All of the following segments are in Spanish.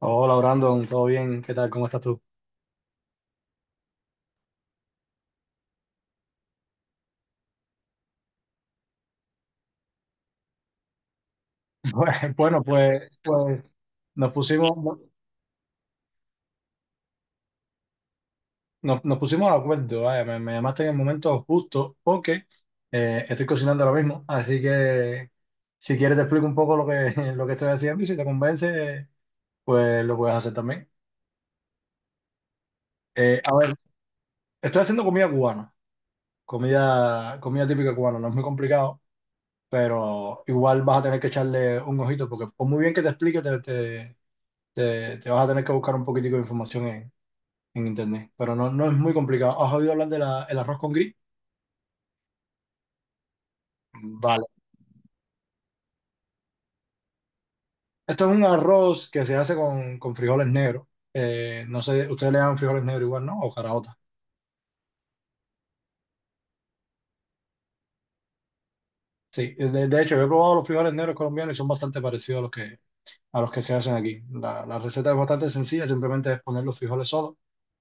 Hola Brandon, ¿todo bien? ¿Qué tal? ¿Cómo estás tú? Bueno, pues nos pusimos, nos pusimos de acuerdo. Vaya, me llamaste en el momento justo porque estoy cocinando ahora mismo, así que si quieres te explico un poco lo que estoy haciendo y si te convence, pues lo puedes hacer también. A ver, estoy haciendo comida cubana, comida típica cubana, no es muy complicado, pero igual vas a tener que echarle un ojito porque por muy bien que te explique, te vas a tener que buscar un poquitico de información en internet, pero no, no es muy complicado. ¿Has oído hablar del arroz con gris? Vale. Esto es un arroz que se hace con frijoles negros. No sé, ustedes le llaman frijoles negros igual, ¿no? O caraotas. Sí, de hecho, yo he probado los frijoles negros colombianos y son bastante parecidos a los que se hacen aquí. La receta es bastante sencilla, simplemente es poner los frijoles solos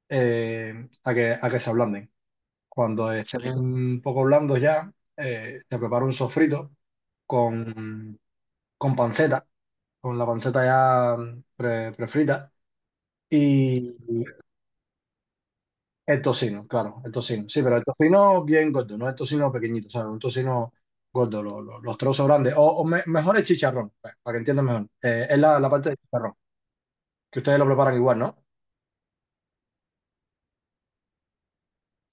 a que se ablanden. Cuando estén un poco blandos ya, se prepara un sofrito con, con panceta. Con la panceta ya prefrita. Y el tocino, claro, el tocino. Sí, pero el tocino bien gordo, no el tocino pequeñito, ¿sabes? Un tocino gordo, los trozos grandes. O mejor el chicharrón, para que entiendan mejor. Es la parte del chicharrón, que ustedes lo preparan igual, ¿no?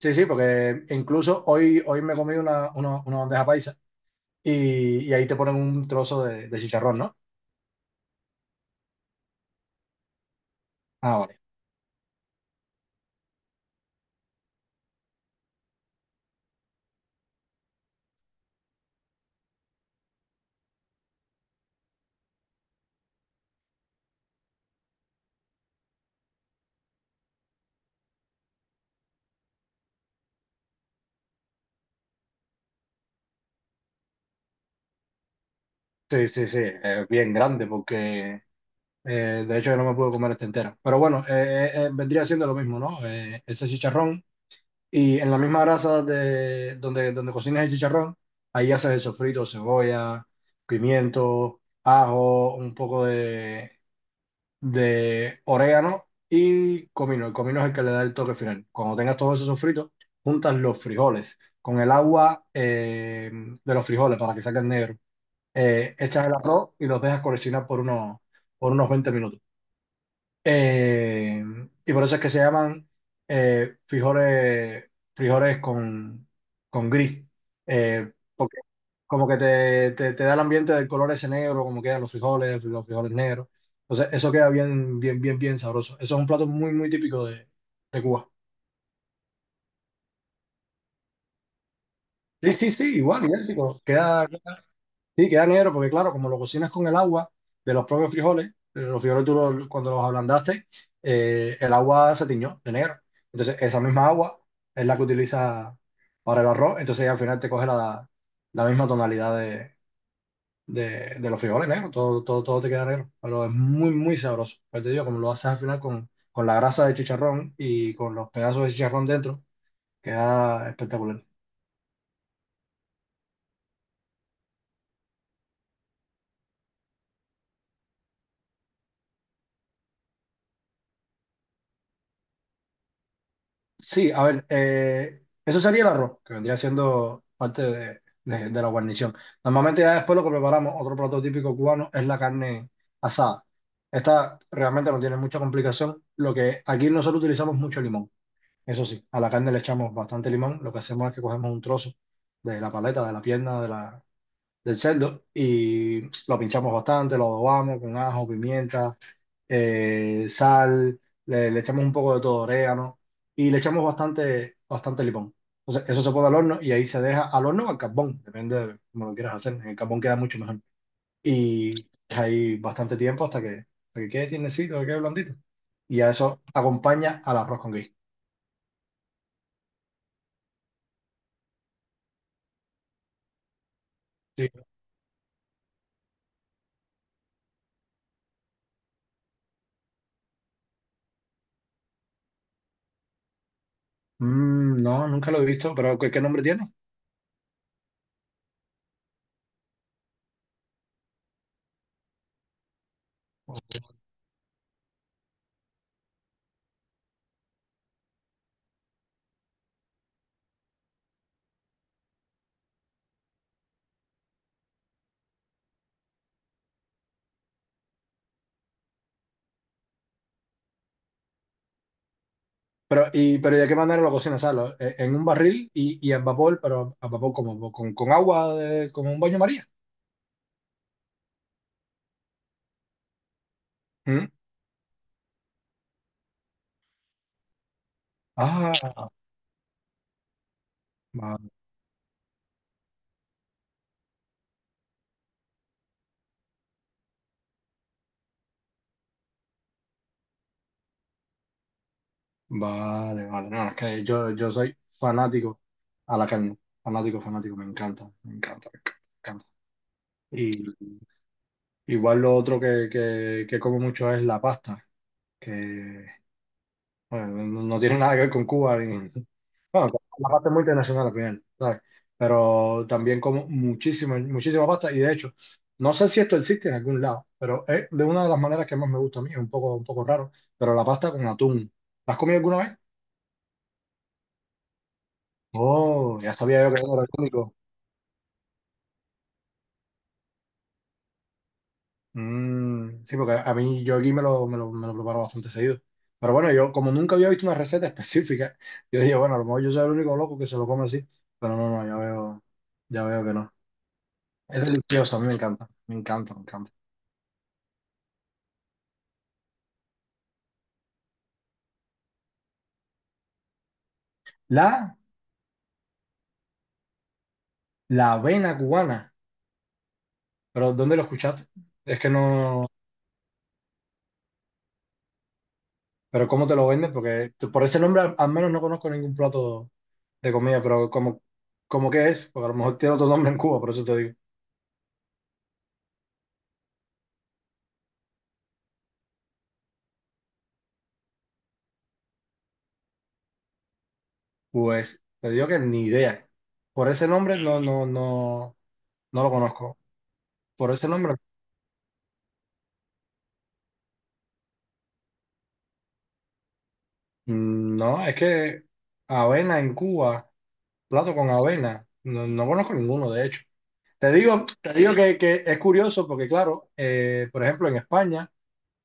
Sí, sí, porque incluso hoy me comí una bandeja paisa y ahí te ponen un trozo de chicharrón, ¿no? Ah, vale. Sí, sí, sí, bien grande porque de hecho, yo no me pude comer esta entera. Pero bueno, vendría siendo lo mismo, ¿no? Ese chicharrón. Y en la misma grasa de donde cocinas el chicharrón, ahí haces el sofrito, cebolla, pimiento, ajo, un poco de orégano y comino. El comino es el que le da el toque final. Cuando tengas todo ese sofrito, juntas los frijoles con el agua de los frijoles para que saquen negro. Echas el arroz y los dejas cocinar por unos 20 minutos. Eh, y por eso es que se llaman eh, frijoles, frijoles con gris. Porque como que te da el ambiente del color ese negro, como quedan los frijoles negros. Entonces, eso queda bien, bien, bien, bien sabroso. Eso es un plato muy, muy típico de Cuba. Sí, sí, sí, igual, idéntico. Queda. Sí, queda negro porque claro, como lo cocinas con el agua de los propios frijoles, los frijoles tú cuando los ablandaste. El agua se tiñó de negro. Entonces esa misma agua es la que utiliza para el arroz, entonces al final te coge la misma tonalidad de los frijoles negros, todo, todo, todo te queda negro, pero es muy, muy sabroso. Pues te digo, como lo haces al final con la grasa de chicharrón y con los pedazos de chicharrón dentro, queda espectacular. Sí, a ver, eso sería el arroz, que vendría siendo parte de la guarnición. Normalmente ya después lo que preparamos, otro plato típico cubano, es la carne asada. Esta realmente no tiene mucha complicación. Lo que aquí nosotros utilizamos mucho limón. Eso sí, a la carne le echamos bastante limón. Lo que hacemos es que cogemos un trozo de la paleta, de la pierna del cerdo y lo pinchamos bastante, lo adobamos con ajo, pimienta sal, le echamos un poco de todo, orégano, y le echamos bastante, bastante limón. Entonces, eso se pone al horno y ahí se deja al horno o al carbón, depende de cómo lo quieras hacer. En el carbón queda mucho mejor. Y ahí bastante tiempo hasta que quede tiernecito, que quede blandito. Y a eso acompaña al arroz con guiso. Sí. No, nunca lo he visto, pero ¿qué nombre tiene? Pero, ¿y de qué manera lo cocinas? ¿Sabes? En un barril y en vapor, pero a vapor como con agua, como un baño María. ¿Mm? Ah, Va- Vale, vale, no, es que yo soy fanático a la carne, fanático, fanático, me encanta, me encanta, me encanta. Y igual lo otro que como mucho es la pasta, que bueno, no tiene nada que ver con Cuba, bueno, la pasta es muy internacional al final, ¿sabes? Pero también como muchísima, muchísima pasta y de hecho, no sé si esto existe en algún lado, pero es de una de las maneras que más me gusta a mí, es un poco raro, pero la pasta con atún. ¿La has comido alguna vez? Oh, ya sabía yo que era orgánico. Mm, sí, porque a mí yo aquí me lo preparo bastante seguido. Pero bueno, yo como nunca había visto una receta específica, yo dije, bueno, a lo mejor yo soy el único loco que se lo come así. Pero no, no, ya veo que no. Es delicioso, a mí me encanta, me encanta, me encanta. La, la avena cubana. Pero ¿dónde lo escuchaste? Es que no, pero ¿cómo te lo venden? Porque por ese nombre al menos no conozco ningún plato de comida, pero como que es, porque a lo mejor tiene otro nombre en Cuba, por eso te digo. Pues te digo que ni idea. Por ese nombre no lo conozco. Por ese nombre, no, es que avena en Cuba, plato con avena, no, no conozco ninguno, de hecho. Te digo que es curioso porque, claro, por ejemplo, en España.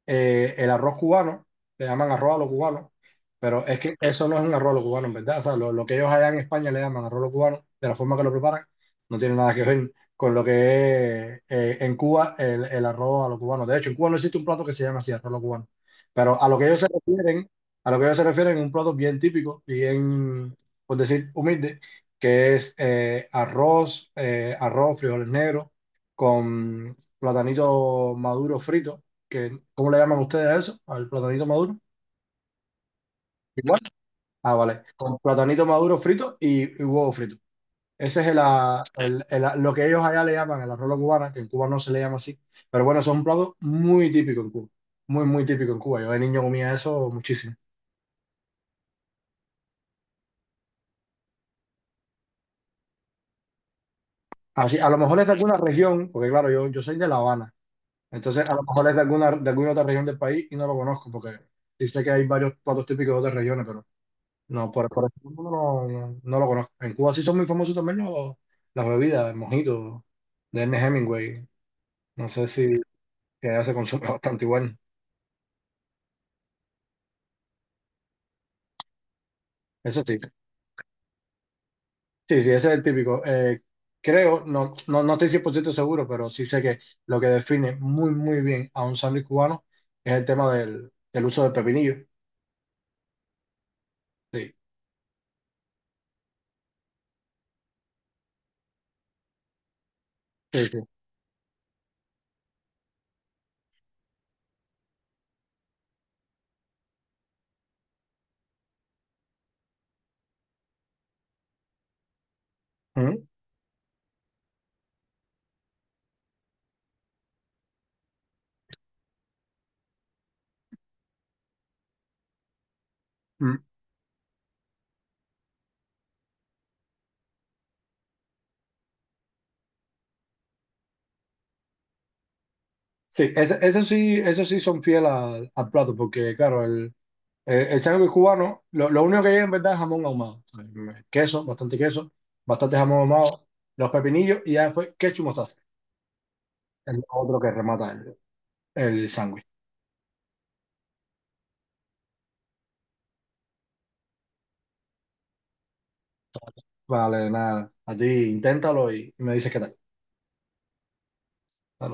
El arroz cubano, le llaman arroz a los cubanos, pero es que eso no es un arroz a los cubanos, en verdad. O sea, lo que ellos allá en España le llaman arroz a los cubanos, de la forma que lo preparan, no tiene nada que ver con lo que es en Cuba el arroz a los cubanos. De hecho, en Cuba no existe un plato que se llame así, arroz a los cubanos. Pero a lo que ellos se refieren, a lo que ellos se refieren, un plato bien típico, bien, por decir, humilde, que es arroz, frijoles negros, con platanito maduro frito ¿cómo le llaman ustedes a eso? ¿Al platanito maduro? Igual. Ah, vale. Con platanito maduro frito y huevo frito. Ese es el, ah, lo que ellos allá le llaman el arroz a la cubana, que en Cuba no se le llama así. Pero bueno, eso es un plato muy típico en Cuba. Muy, muy típico en Cuba. Yo de niño comía eso muchísimo. Así, a lo mejor es de alguna región, porque claro, yo soy de La Habana. Entonces, a lo mejor es de alguna otra región del país y no lo conozco, porque sí sé que hay varios platos típicos de otras regiones, pero no, por eso no, lo no- no lo conozco. En Cuba sí son muy famosos también las bebidas, el mojito de Ernest Hemingway. No sé si que allá se consume bastante igual. Eso sí. Sí, sí, ese es el típico. Creo, no estoy 100% seguro, pero sí sé que lo que define muy, muy bien a un sándwich cubano es el tema del uso del pepinillo. Sí, sí, sí. Ujú. Mm. Sí, eso sí, eso sí son fieles al plato, porque claro, el sándwich cubano, lo único que lleva en verdad es jamón ahumado. O sea, queso, bastante jamón ahumado, los pepinillos y ya después ketchup y mostaza. Es lo otro que remata el sándwich. Vale, nada. A ti inténtalo y me dices qué tal. Hasta